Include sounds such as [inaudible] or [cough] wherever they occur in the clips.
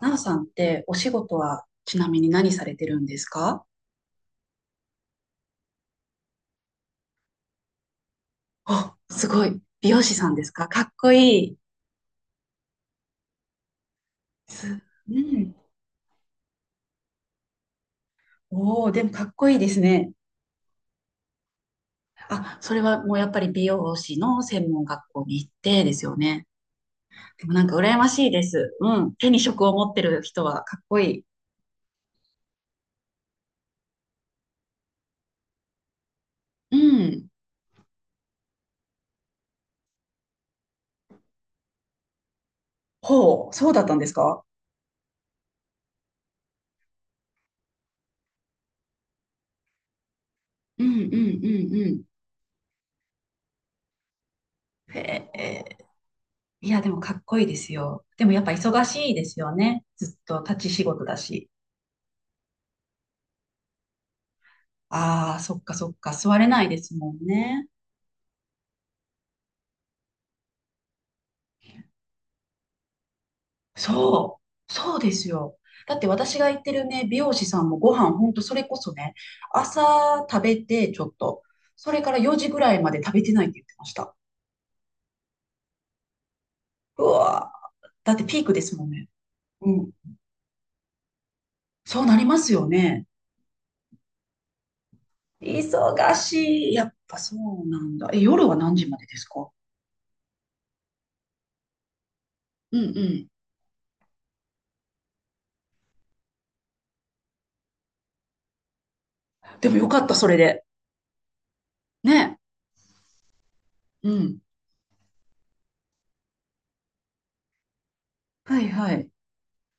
なおさんってお仕事はちなみに何されてるんですか？あ、すごい。美容師さんですか？かっこいい。す、うん。おお、でもかっこいいですね。あ、それはもうやっぱり美容師の専門学校に行ってですよね。でもなんか羨ましいです。うん。手に職を持ってる人はかっこいい。うん。ほう、そうだったんですか？うんうんうんうん。へえ、いや、でもかっこいいですよ。でもやっぱ忙しいですよね。ずっと立ち仕事だし。ああ、そっかそっか、座れないですもんね。そう、そうですよ。だって私が行ってるね、美容師さんもご飯、ほんとそれこそね、朝食べてちょっと、それから4時ぐらいまで食べてないって言ってました。うわー、だってピークですもんね。うん、そうなりますよね。忙しい。やっぱそうなんだ。え、夜は何時までですか？うんうん。でもよかった、それで。ね。うん。はいはい。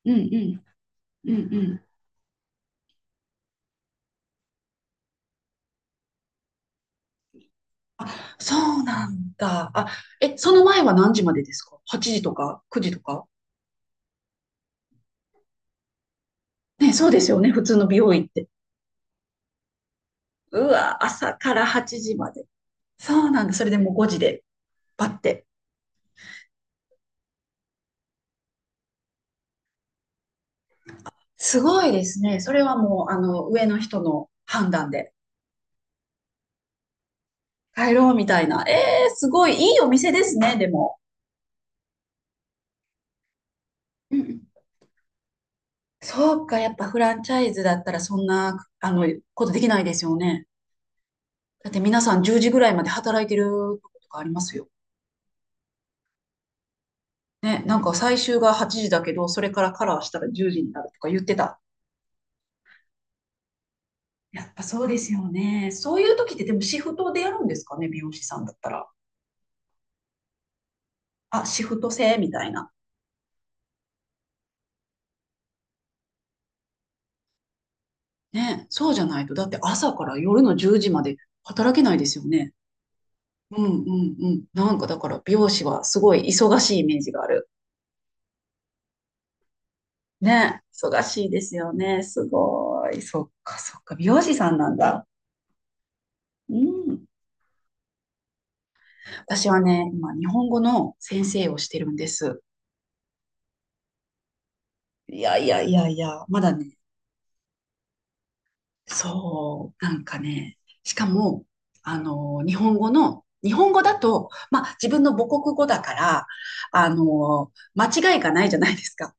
うんうん。うんうん。あ、そうなんだ。あ、え、その前は何時までですか？ 8 時とか9時とか。ね、そうですよね。普通の美容院って。うわ、朝から8時まで。そうなんだ。それでもう5時で、バッて。すごいですね。それはもう、上の人の判断で。帰ろうみたいな。えー、すごいいいお店ですね、でも。うんうん、そうか、やっぱフランチャイズだったらそんな、ことできないですよね。だって皆さん10時ぐらいまで働いてるとことかありますよ。ね、なんか最終が8時だけど、それからカラーしたら10時になるとか言ってた。やっぱそうですよね。そういう時ってでもシフトでやるんですかね、美容師さんだったら。あ、シフト制みたいな。ね、そうじゃないと、だって朝から夜の10時まで働けないですよね。うんうんうん。なんかだから美容師はすごい忙しいイメージがある。ね、忙しいですよね。すごい。そっかそっか。美容師さんなんだ。うん。私はね、今日本語の先生をしてるんです。いやいやいやいや、まだね、そう、なんかね、しかも、日本語だと、自分の母国語だから、間違いがないじゃないですか。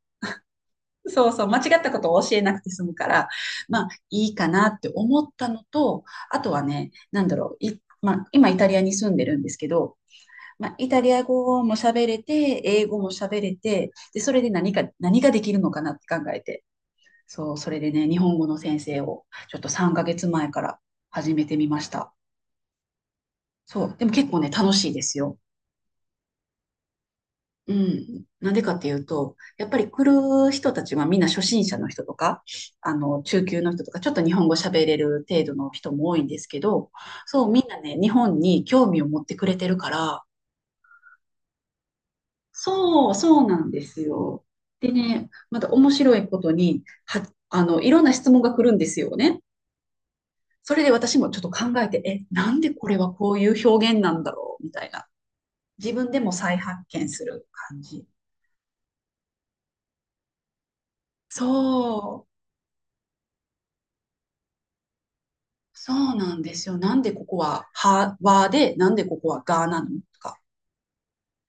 そうそう、間違ったことを教えなくて済むから、まあ、いいかなって思ったのと、あとはね、なんだろう、まあ、今イタリアに住んでるんですけど、まあ、イタリア語も喋れて、英語も喋れて、で、それで何ができるのかなって考えて、そう、それでね、日本語の先生をちょっと3ヶ月前から始めてみました。そう、でも結構ね、楽しいですよ。うん。なんでかっていうと、やっぱり来る人たちはみんな初心者の人とか、あの、中級の人とか、ちょっと日本語喋れる程度の人も多いんですけど、そう、みんなね、日本に興味を持ってくれてるから、そう、そうなんですよ。でね、また面白いことに、あの、いろんな質問が来るんですよね。それで私もちょっと考えて、え、なんでこれはこういう表現なんだろうみたいな。自分でも再発見する感じ。そう、そうなんですよ。なんでここは、はで、なんでここはがなのとか。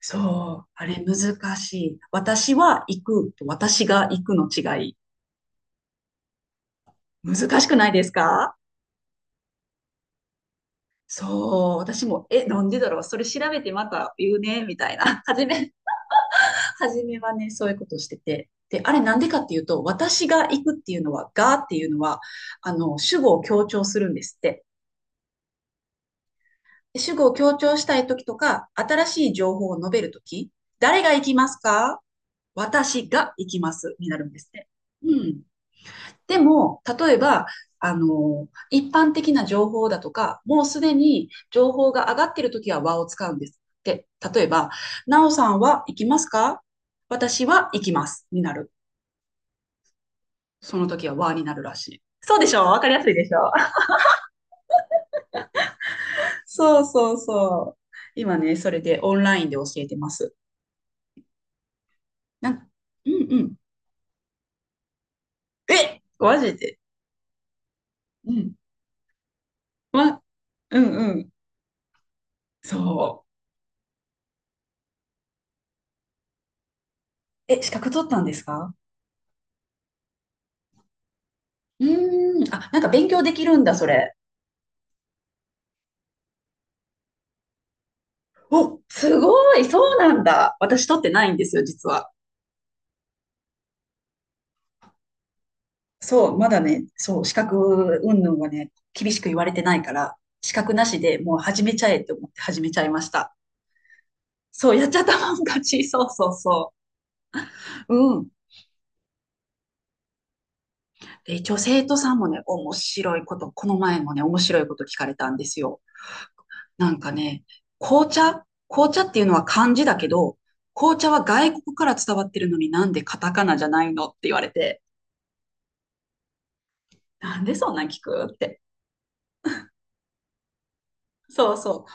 そう、あれ難しい。私は行くと私が行くの違い。難しくないですか？そう、私も、え、なんでだろう、それ調べてまた言うね、みたいな。[laughs] 初めはね、そういうことをしてて。で、あれなんでかっていうと、私が行くっていうのは、がっていうのは、あの、主語を強調するんですって。で主語を強調したいときとか、新しい情報を述べるとき、誰が行きますか？私が行きますになるんですね。うん。でも、例えば、あの、一般的な情報だとか、もうすでに情報が上がっているときは和を使うんですって。例えば、なおさんは行きますか？私は行きますになる。その時は和になるらしい。そうでしょ？わかりやすいでしょ？ [laughs] そうそうそう。今ね、それでオンラインで教えてます。なんか、うんうん。え、マジで。うん。わ、うんうん。そう。え、資格取ったんですか？うーん。あ、なんか勉強できるんだ、それ。お、すごい、そうなんだ。私取ってないんですよ、実は。そう、まだね、そう、資格云々はね、厳しく言われてないから、資格なしでもう始めちゃえって思って始めちゃいました。そう、やっちゃったもん勝ち。そうそうそう。うん。で、一応生徒さんもね、面白いこと、この前もね、面白いこと聞かれたんですよ。なんかね、紅茶紅茶っていうのは漢字だけど、紅茶は外国から伝わってるのになんでカタカナじゃないのって言われて、なんでそんなん聞くって。そうそう。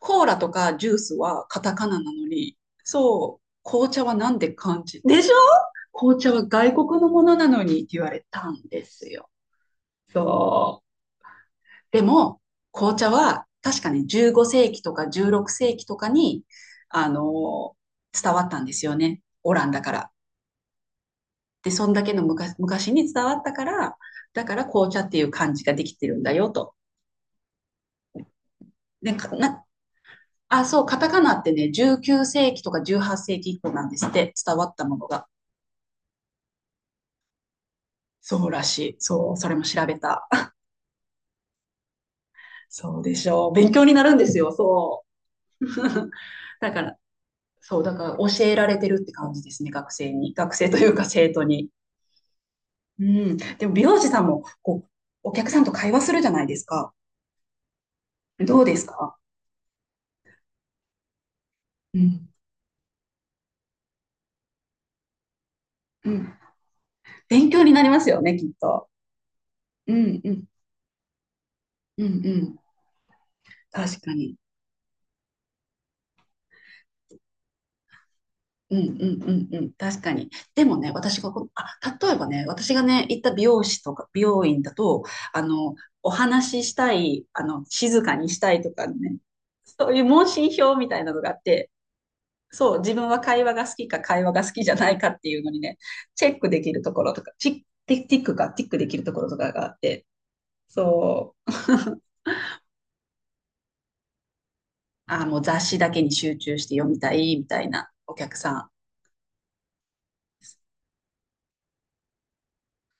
コーラとかジュースはカタカナなのに、そう、紅茶はなんで漢字でしょ？紅茶は外国のものなのにって言われたんですよ。そう。でも、紅茶は確かに15世紀とか16世紀とかに、あの、伝わったんですよね。オランダから。で、そんだけの昔昔に伝わったから、だから紅茶っていう漢字ができてるんだよと。で、そう、カタカナってね、19世紀とか18世紀以降なんですって、伝わったものが。そうらしい。そう、それも調べた。そうでしょう。勉強になるんですよ、そう。[laughs] だから、そう、だから教えられてるって感じですね、学生に。学生というか生徒に。うん。でも美容師さんも、こう、お客さんと会話するじゃないですか。どうですか？うん。うん。勉強になりますよね、きっと。うんうん。うんうん。確かに。うんうんうんうん。確かに。でもね、私がこう、あ、例えばね、私がね、行った美容師とか、美容院だと、あの、お話ししたい、あの、静かにしたいとかね、そういう問診票みたいなのがあって、そう、自分は会話が好きか会話が好きじゃないかっていうのにね、チェックできるところとか、チッティティックか、ティックできるところとかがあって、そう、[laughs] あー、もう雑誌だけに集中して読みたいみたいなお客さん。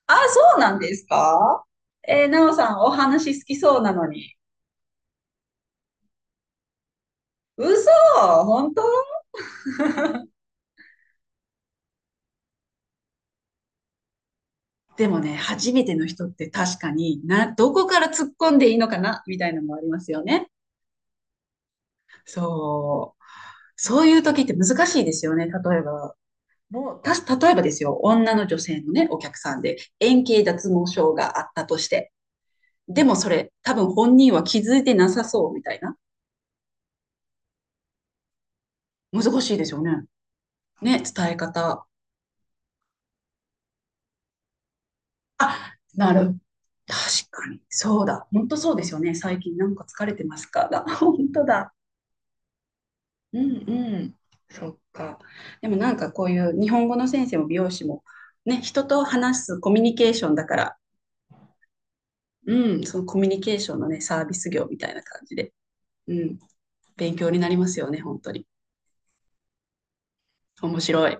あー、そうなんですか？えー、なおさん、お話好きそうなのに。嘘？本当？ [laughs] でもね、初めての人って確かにな、どこから突っ込んでいいのかなみたいなのもありますよね。そう。そういう時って難しいですよね。例えば、もう、たし、例えばですよ、女性のね、お客さんで、円形脱毛症があったとして、でもそれ、多分本人は気づいてなさそうみたいな。難しいですよね。ね、伝え方。あ、なる。確かに。そうだ。本当そうですよね。最近なんか疲れてますかだ。[laughs] 本当だ。うんうん。そっか。でもなんかこういう日本語の先生も美容師も、ね、人と話すコミュニケーションだから、うん、そのコミュニケーションのね、サービス業みたいな感じで。うん。勉強になりますよね、本当に。面白い。